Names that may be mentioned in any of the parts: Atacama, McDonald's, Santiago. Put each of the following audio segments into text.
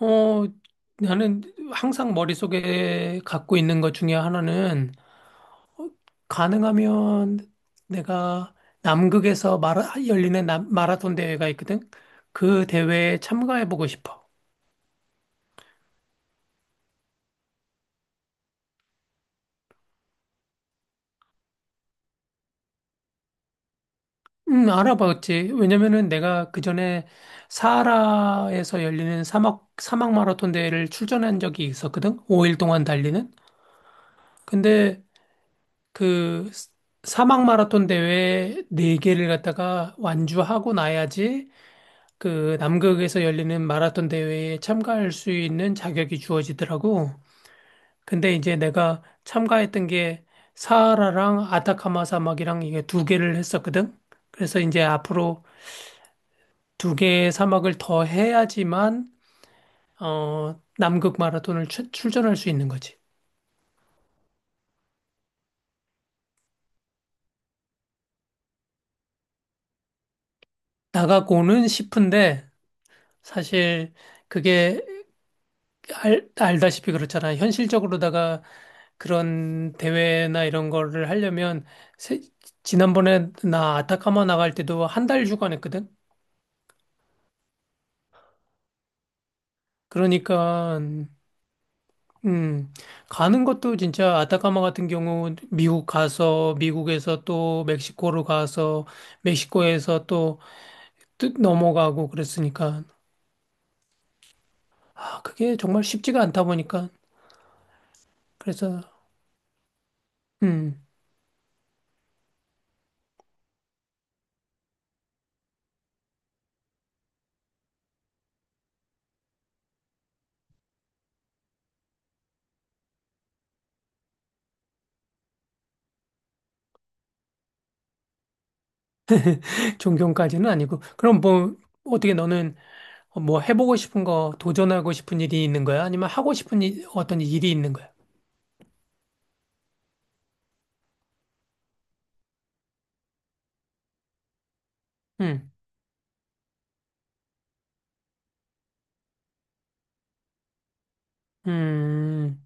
어, 나는 항상 머릿속에 갖고 있는 것 중에 하나는 어, 가능하면 내가 남극에서 열리는 마라톤 대회가 있거든. 그 대회에 참가해보고 싶어. 알아봤지. 왜냐면은 내가 그 전에 사하라에서 열리는 사막 마라톤 대회를 출전한 적이 있었거든. 5일 동안 달리는. 근데 그 스- 사막 마라톤 대회 네개를 갖다가 완주하고 나야지 그 남극에서 열리는 마라톤 대회에 참가할 수 있는 자격이 주어지더라고. 근데 이제 내가 참가했던 게 사하라랑 아타카마 사막이랑 이게 두 개를 했었거든. 그래서 이제 앞으로 두 개의 사막을 더 해야지만 남극 마라톤을 출전할 수 있는 거지. 나가고는 싶은데 사실 그게 알다시피 그렇잖아. 현실적으로다가 그런 대회나 이런 거를 하려면 세- 지난번에 나 아타카마 나갈 때도 한 달휴간했거든. 그러니까 음, 가는 것도 진짜 아타카마 같은 경우 미국 가서 미국에서 또 멕시코로 가서 멕시코에서 또 넘어가고 그랬으니까. 아, 그게 정말 쉽지가 않다 보니까 그래서, 음, 존경까지는 아니고 그럼 뭐, 어떻게 너는 뭐 해보고 싶은 거, 도전하고 싶은 일이 있는 거야? 아니면 하고 싶은 일, 어떤 일이 있는 거야? 음, 음,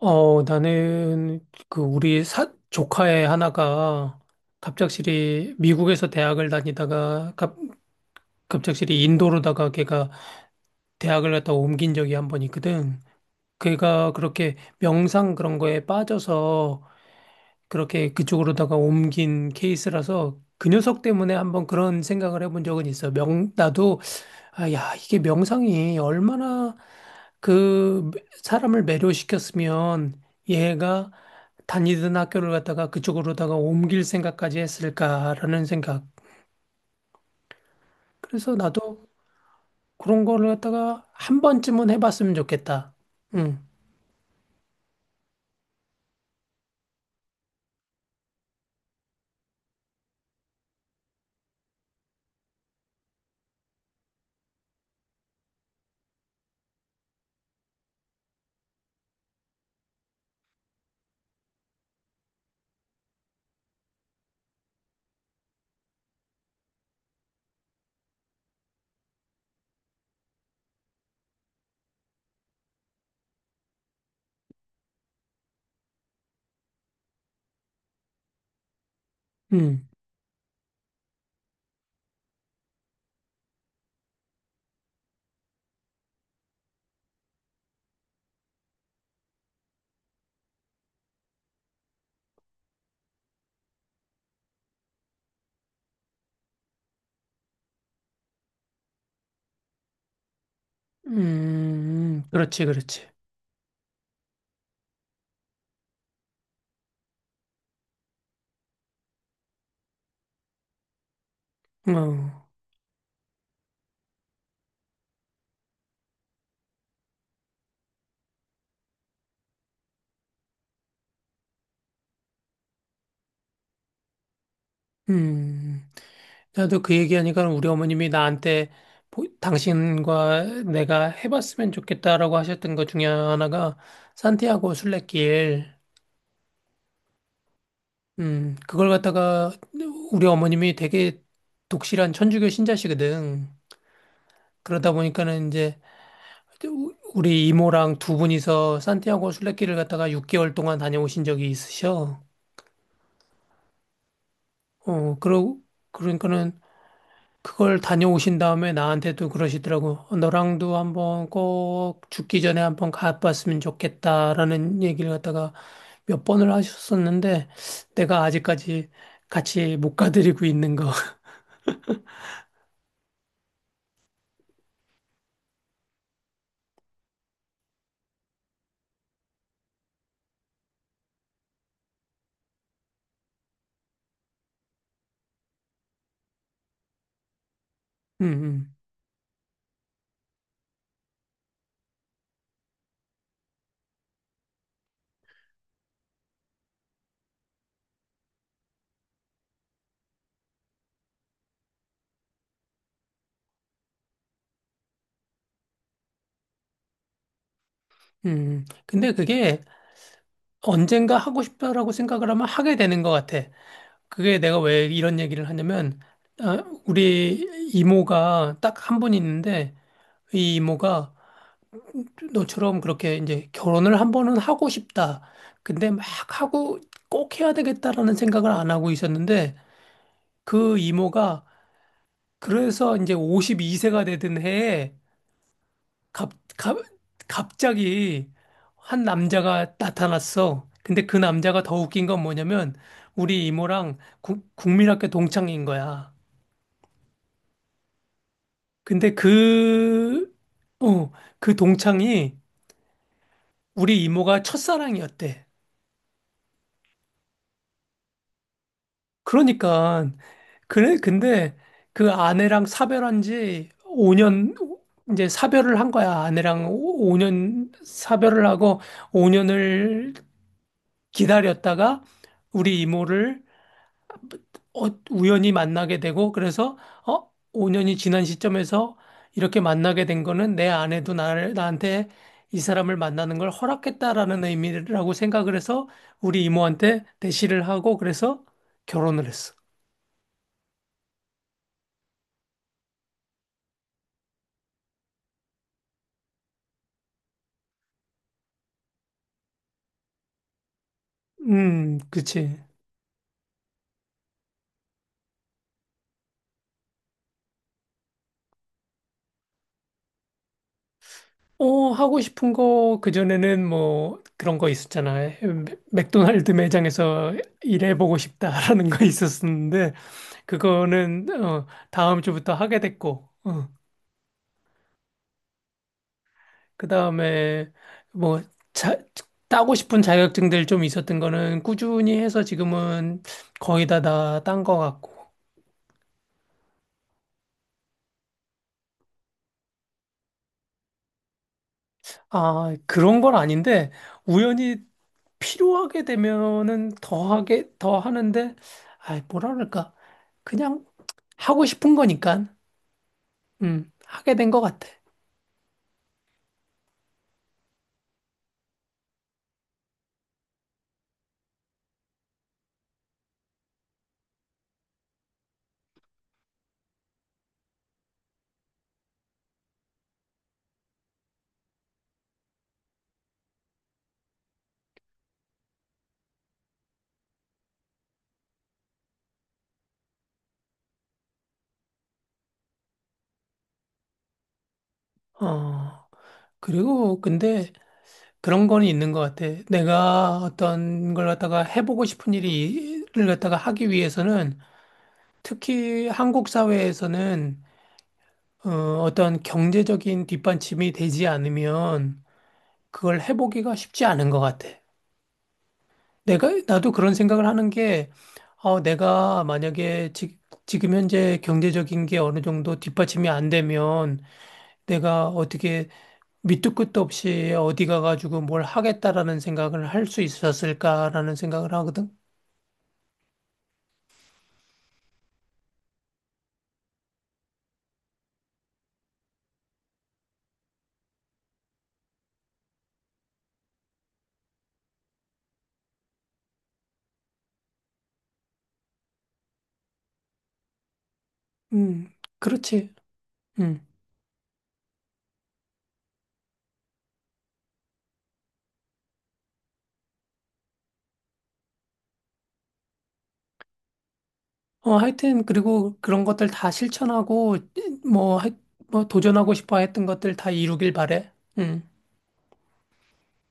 나는 그 우리 조카의 하나가 갑작스레 미국에서 대학을 다니다가 갑작스레 인도로다가 걔가 대학을 갔다 옮긴 적이 한 번 있거든. 걔가 그렇게 명상 그런 거에 빠져서 그렇게 그쪽으로다가 옮긴 케이스라서 그 녀석 때문에 한번 그런 생각을 해본 적은 있어. 아, 야, 이게 명상이 얼마나 그 사람을 매료시켰으면 얘가 다니던 학교를 갔다가 그쪽으로다가 옮길 생각까지 했을까라는 생각. 그래서 나도 그런 거를 갖다가 한 번쯤은 해봤으면 좋겠다. 응, 응, 그렇지, 그렇지. 어. 음. 나도 그 얘기하니까 우리 어머님이 나한테 당신과 내가 해봤으면 좋겠다라고 하셨던 것 중에 하나가 산티아고 순례길. 그걸 갖다가 우리 어머님이 되게 독실한 천주교 신자시거든. 그러다 보니까는 이제 우리 이모랑 두 분이서 산티아고 순례길을 갖다가 6개월 동안 다녀오신 적이 있으셔. 어, 그러, 그러니까는 그걸 다녀오신 다음에 나한테도 그러시더라고. 너랑도 한번 꼭 죽기 전에 한번 가봤으면 좋겠다라는 얘기를 갖다가 몇 번을 하셨었는데 내가 아직까지 같이 못 가드리고 있는 거. 음, 근데 그게 언젠가 하고 싶다라고 생각을 하면 하게 되는 것 같아. 그게 내가 왜 이런 얘기를 하냐면, 아, 우리 이모가 딱 한 분 있는데, 이 이모가 너처럼 그렇게 이제 결혼을 한 번은 하고 싶다. 근데 막 하고 꼭 해야 되겠다라는 생각을 안 하고 있었는데 그 이모가 그래서 이제 52세가 되던 해에 갑, 갑, 갑자기 한 남자가 나타났어. 근데 그 남자가 더 웃긴 건 뭐냐면 우리 이모랑 국민학교 동창인 거야. 근데 어, 그 동창이 우리 이모가 첫사랑이었대. 그러니까 그래, 근데 그 아내랑 사별한 지 5년, 이제 사별을 한 거야. 아내랑 5년 사별을 하고 5년을 기다렸다가 우리 이모를 우연히 만나게 되고 그래서 5년이 지난 시점에서 이렇게 만나게 된 거는 내 아내도 나를, 나한테 이 사람을 만나는 걸 허락했다라는 의미라고 생각을 해서 우리 이모한테 대시를 하고 그래서 결혼을 했어. 그치. 하고 싶은 거, 그전에는 뭐 그런 거 있었잖아. 맥도날드 매장에서 일해보고 싶다라는 거 있었었는데, 그거는, 다음 주부터 하게 됐고, 그 다음에 뭐, 자, 따고 싶은 자격증들 좀 있었던 거는 꾸준히 해서 지금은 거의 다 딴 거 같고. 아, 그런 건 아닌데, 우연히 필요하게 되면은 더 하는데, 아, 뭐라 그럴까. 그냥 하고 싶은 거니까, 하게 된 것 같아. 어, 그리고 근데 그런 거는 있는 것 같아. 내가 어떤 걸 갖다가 해보고 싶은 일을 갖다가 하기 위해서는 특히 한국 사회에서는 어, 어떤 경제적인 뒷받침이 되지 않으면 그걸 해보기가 쉽지 않은 것 같아. 나도 그런 생각을 하는 게, 내가 만약에 지금 현재 경제적인 게 어느 정도 뒷받침이 안 되면 내가 어떻게 밑도 끝도 없이 어디 가가지고 뭘 하겠다라는 생각을 할 수 있었을까라는 생각을 하거든. 음, 그렇지. 음. 하여튼, 그리고 그런 것들 다 실천하고, 뭐, 뭐, 도전하고 싶어 했던 것들 다 이루길 바래. 음.